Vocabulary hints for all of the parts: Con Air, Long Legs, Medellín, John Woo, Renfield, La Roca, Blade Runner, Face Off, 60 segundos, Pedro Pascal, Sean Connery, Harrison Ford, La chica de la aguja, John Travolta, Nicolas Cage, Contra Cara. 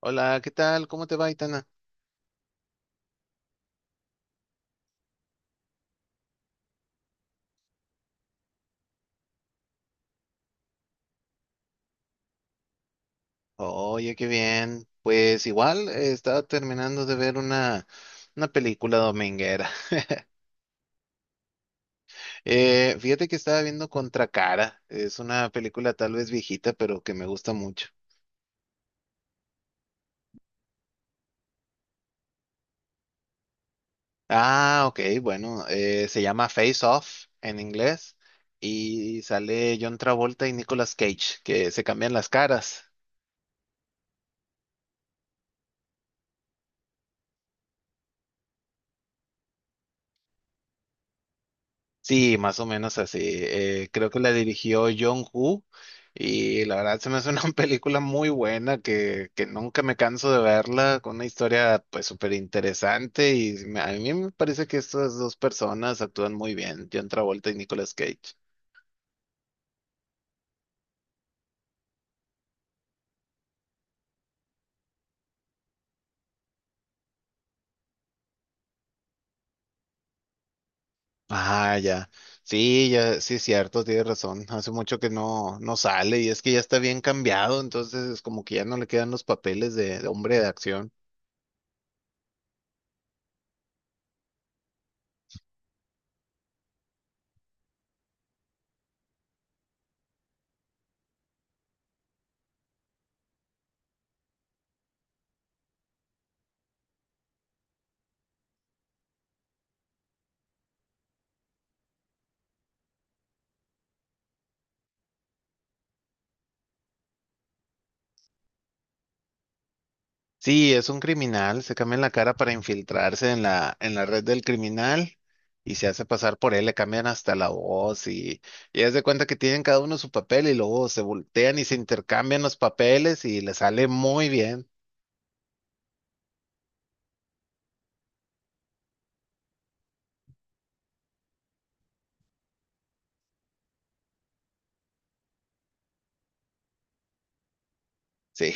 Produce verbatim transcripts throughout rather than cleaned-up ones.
Hola, ¿qué tal? ¿Cómo te va, Itana? Oye, qué bien. Pues igual eh, estaba terminando de ver una, una película dominguera. Eh, fíjate que estaba viendo Contra Cara. Es una película tal vez viejita, pero que me gusta mucho. Ah, ok, bueno, eh, se llama Face Off en inglés y sale John Travolta y Nicolas Cage, que se cambian las caras. Sí, más o menos así. Eh, creo que la dirigió John Woo y la verdad se me hace una película muy buena que, que nunca me canso de verla, con una historia pues súper interesante y me- a mí me parece que estas dos personas actúan muy bien, John Travolta y Nicolas Cage. Ah, ya. Sí, ya, sí es cierto, tienes razón. Hace mucho que no, no sale y es que ya está bien cambiado, entonces como que ya no le quedan los papeles de de hombre de acción. Sí, es un criminal, se cambia la cara para infiltrarse en la, en la red del criminal y se hace pasar por él, le cambian hasta la voz y, y haz de cuenta que tienen cada uno su papel y luego se voltean y se intercambian los papeles y le sale muy bien. Sí.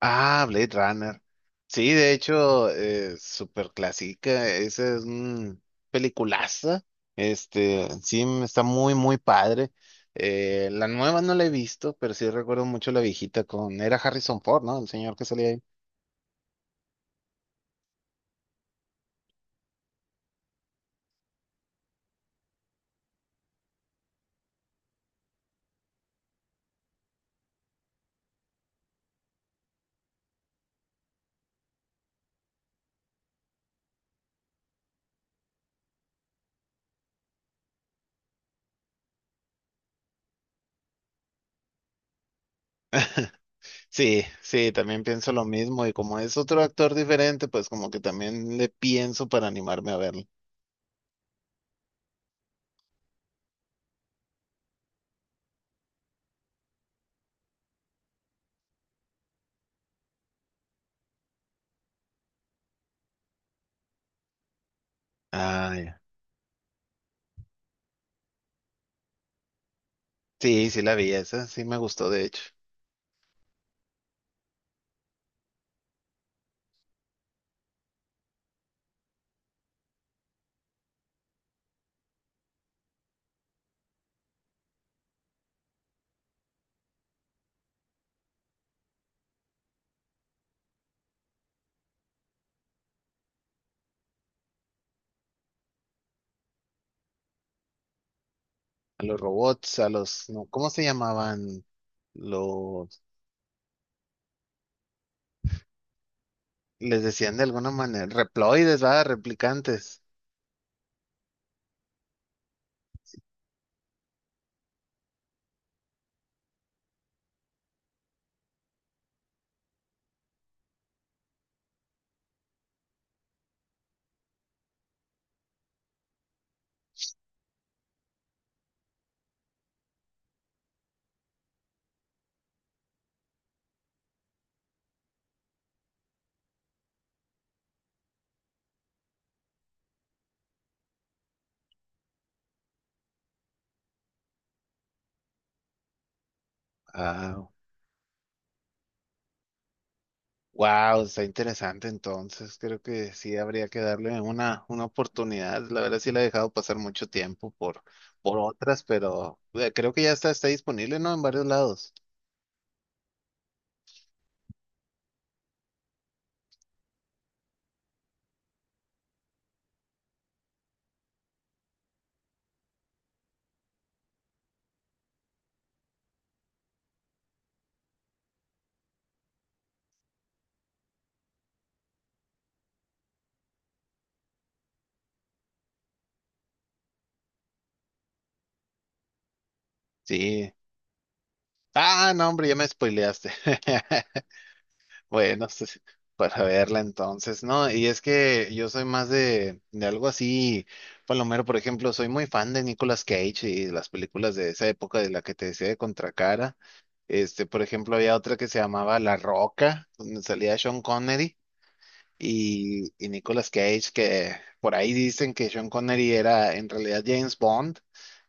Ah, Blade Runner. Sí, de hecho, eh, súper clásica. Esa es un peliculaza. Este, sí, m- está muy, muy padre. Eh, la nueva no la he visto, pero sí recuerdo mucho la viejita con... Era Harrison Ford, ¿no? El señor que salía ahí. Sí, sí, también pienso lo mismo. Y como es otro actor diferente, pues como que también le pienso para animarme a verlo. Ah, ya. Sí, sí la vi esa. Sí me gustó, de hecho. A los robots, a los... no, ¿cómo se llamaban? Los... Les decían de alguna manera, reploides, va, replicantes. Ah, wow, está interesante entonces. Creo que sí habría que darle una, una oportunidad. La verdad sí la he dejado pasar mucho tiempo por, por otras, pero eh, creo que ya está, está disponible, ¿no? En varios lados. Sí. Ah, no, hombre, ya me spoileaste. Bueno, pues, para verla entonces, ¿no? Y es que yo soy más de, de algo así, Palomero, por ejemplo, soy muy fan de Nicolas Cage y las películas de esa época de la que te decía de Contracara. Este, por ejemplo, había otra que se llamaba La Roca, donde salía Sean Connery y, y Nicolas Cage, que por ahí dicen que Sean Connery era en realidad James Bond,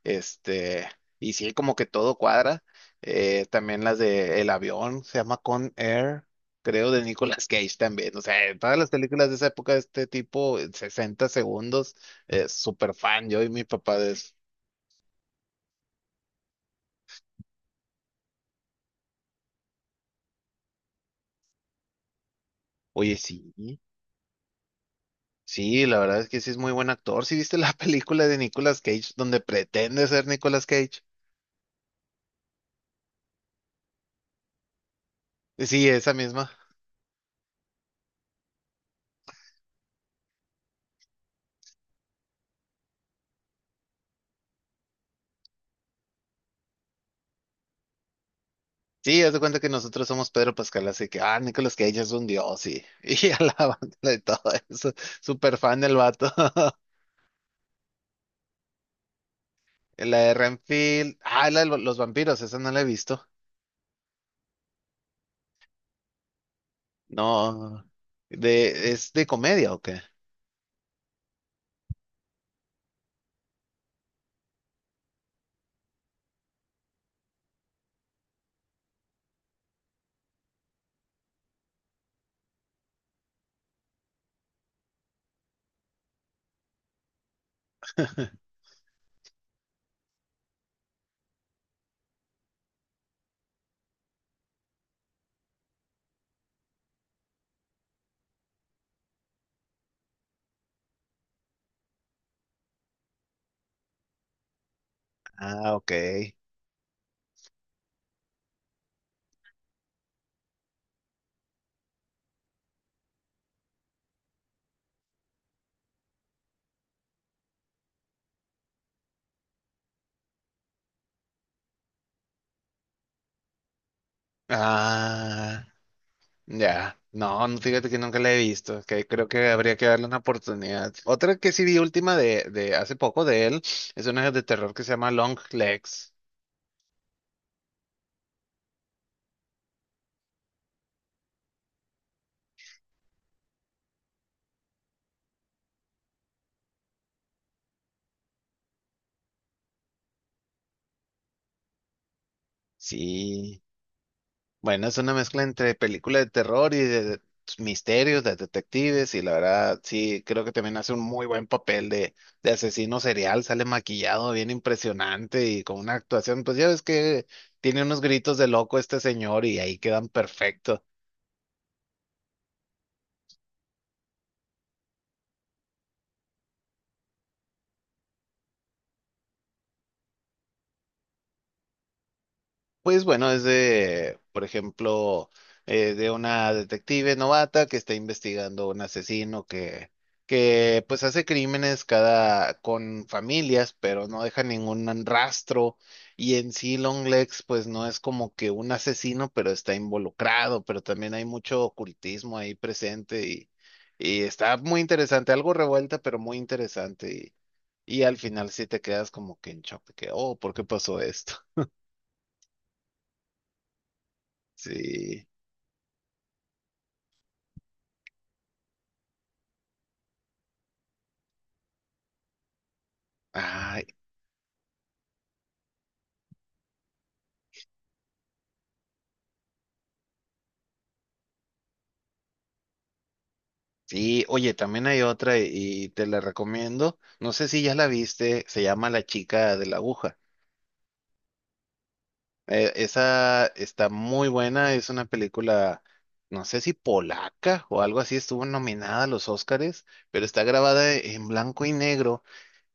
este, y sí, como que todo cuadra. Eh, también las de El avión, se llama Con Air, creo, de Nicolas Cage también. O sea, en todas las películas de esa época de este tipo, en sesenta segundos, eh, súper fan, yo y mi papá de eso. Oye, sí. Sí, la verdad es que sí es muy buen actor. ¿Sí viste la película de Nicolas Cage donde pretende ser Nicolas Cage? Sí, esa misma. Sí, haz de cuenta que nosotros somos Pedro Pascal, así que, ah, Nicolas Cage es un dios, y, y alaban de todo eso. Súper fan del vato. La de Renfield, ah, la de los vampiros, esa no la he visto. No, de, ¿es de comedia o qué? Ah, ok. Ah, ya. No, no, fíjate que nunca la he visto, que creo que habría que darle una oportunidad. Otra que sí vi última de, de hace poco de él, es una de terror que se llama Long Legs. Sí. Bueno, es una mezcla entre película de terror y de de- misterios, de detectives, y la verdad, sí, creo que también hace un muy buen papel de, de asesino serial, sale maquillado, bien impresionante y con una actuación, pues ya ves que tiene unos gritos de loco este señor y ahí quedan perfectos. Pues bueno, es de, por ejemplo, eh, de una detective novata que está investigando un asesino que, que pues hace crímenes cada con familias, pero no deja ningún rastro. Y en sí Longlegs, pues no es como que un asesino, pero está involucrado, pero también hay mucho ocultismo ahí presente y, y está muy interesante, algo revuelta, pero muy interesante. Y, y al final sí te quedas como que en shock, de que, oh, ¿por qué pasó esto? Sí. Ay, sí, oye, también hay otra y, y te la recomiendo. No sé si ya la viste, se llama La chica de la aguja. Eh, esa está muy buena, es una película, no sé si polaca o algo así, estuvo nominada a los Óscares, pero está grabada en blanco y negro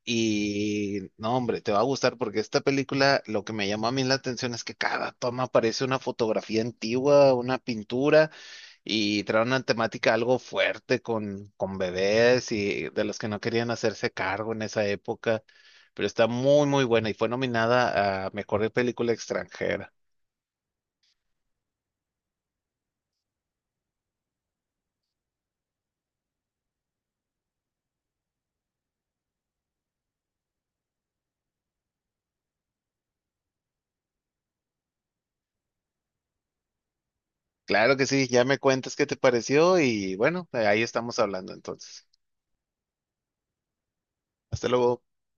y no, hombre, te va a gustar porque esta película lo que me llamó a mí la atención es que cada toma parece una fotografía antigua, una pintura. Y trae una temática algo fuerte con, con bebés y de los que no querían hacerse cargo en esa época, pero está muy, muy buena y fue nominada a Mejor Película Extranjera. Claro que sí, ya me cuentas qué te pareció y bueno, ahí estamos hablando entonces. Hasta luego.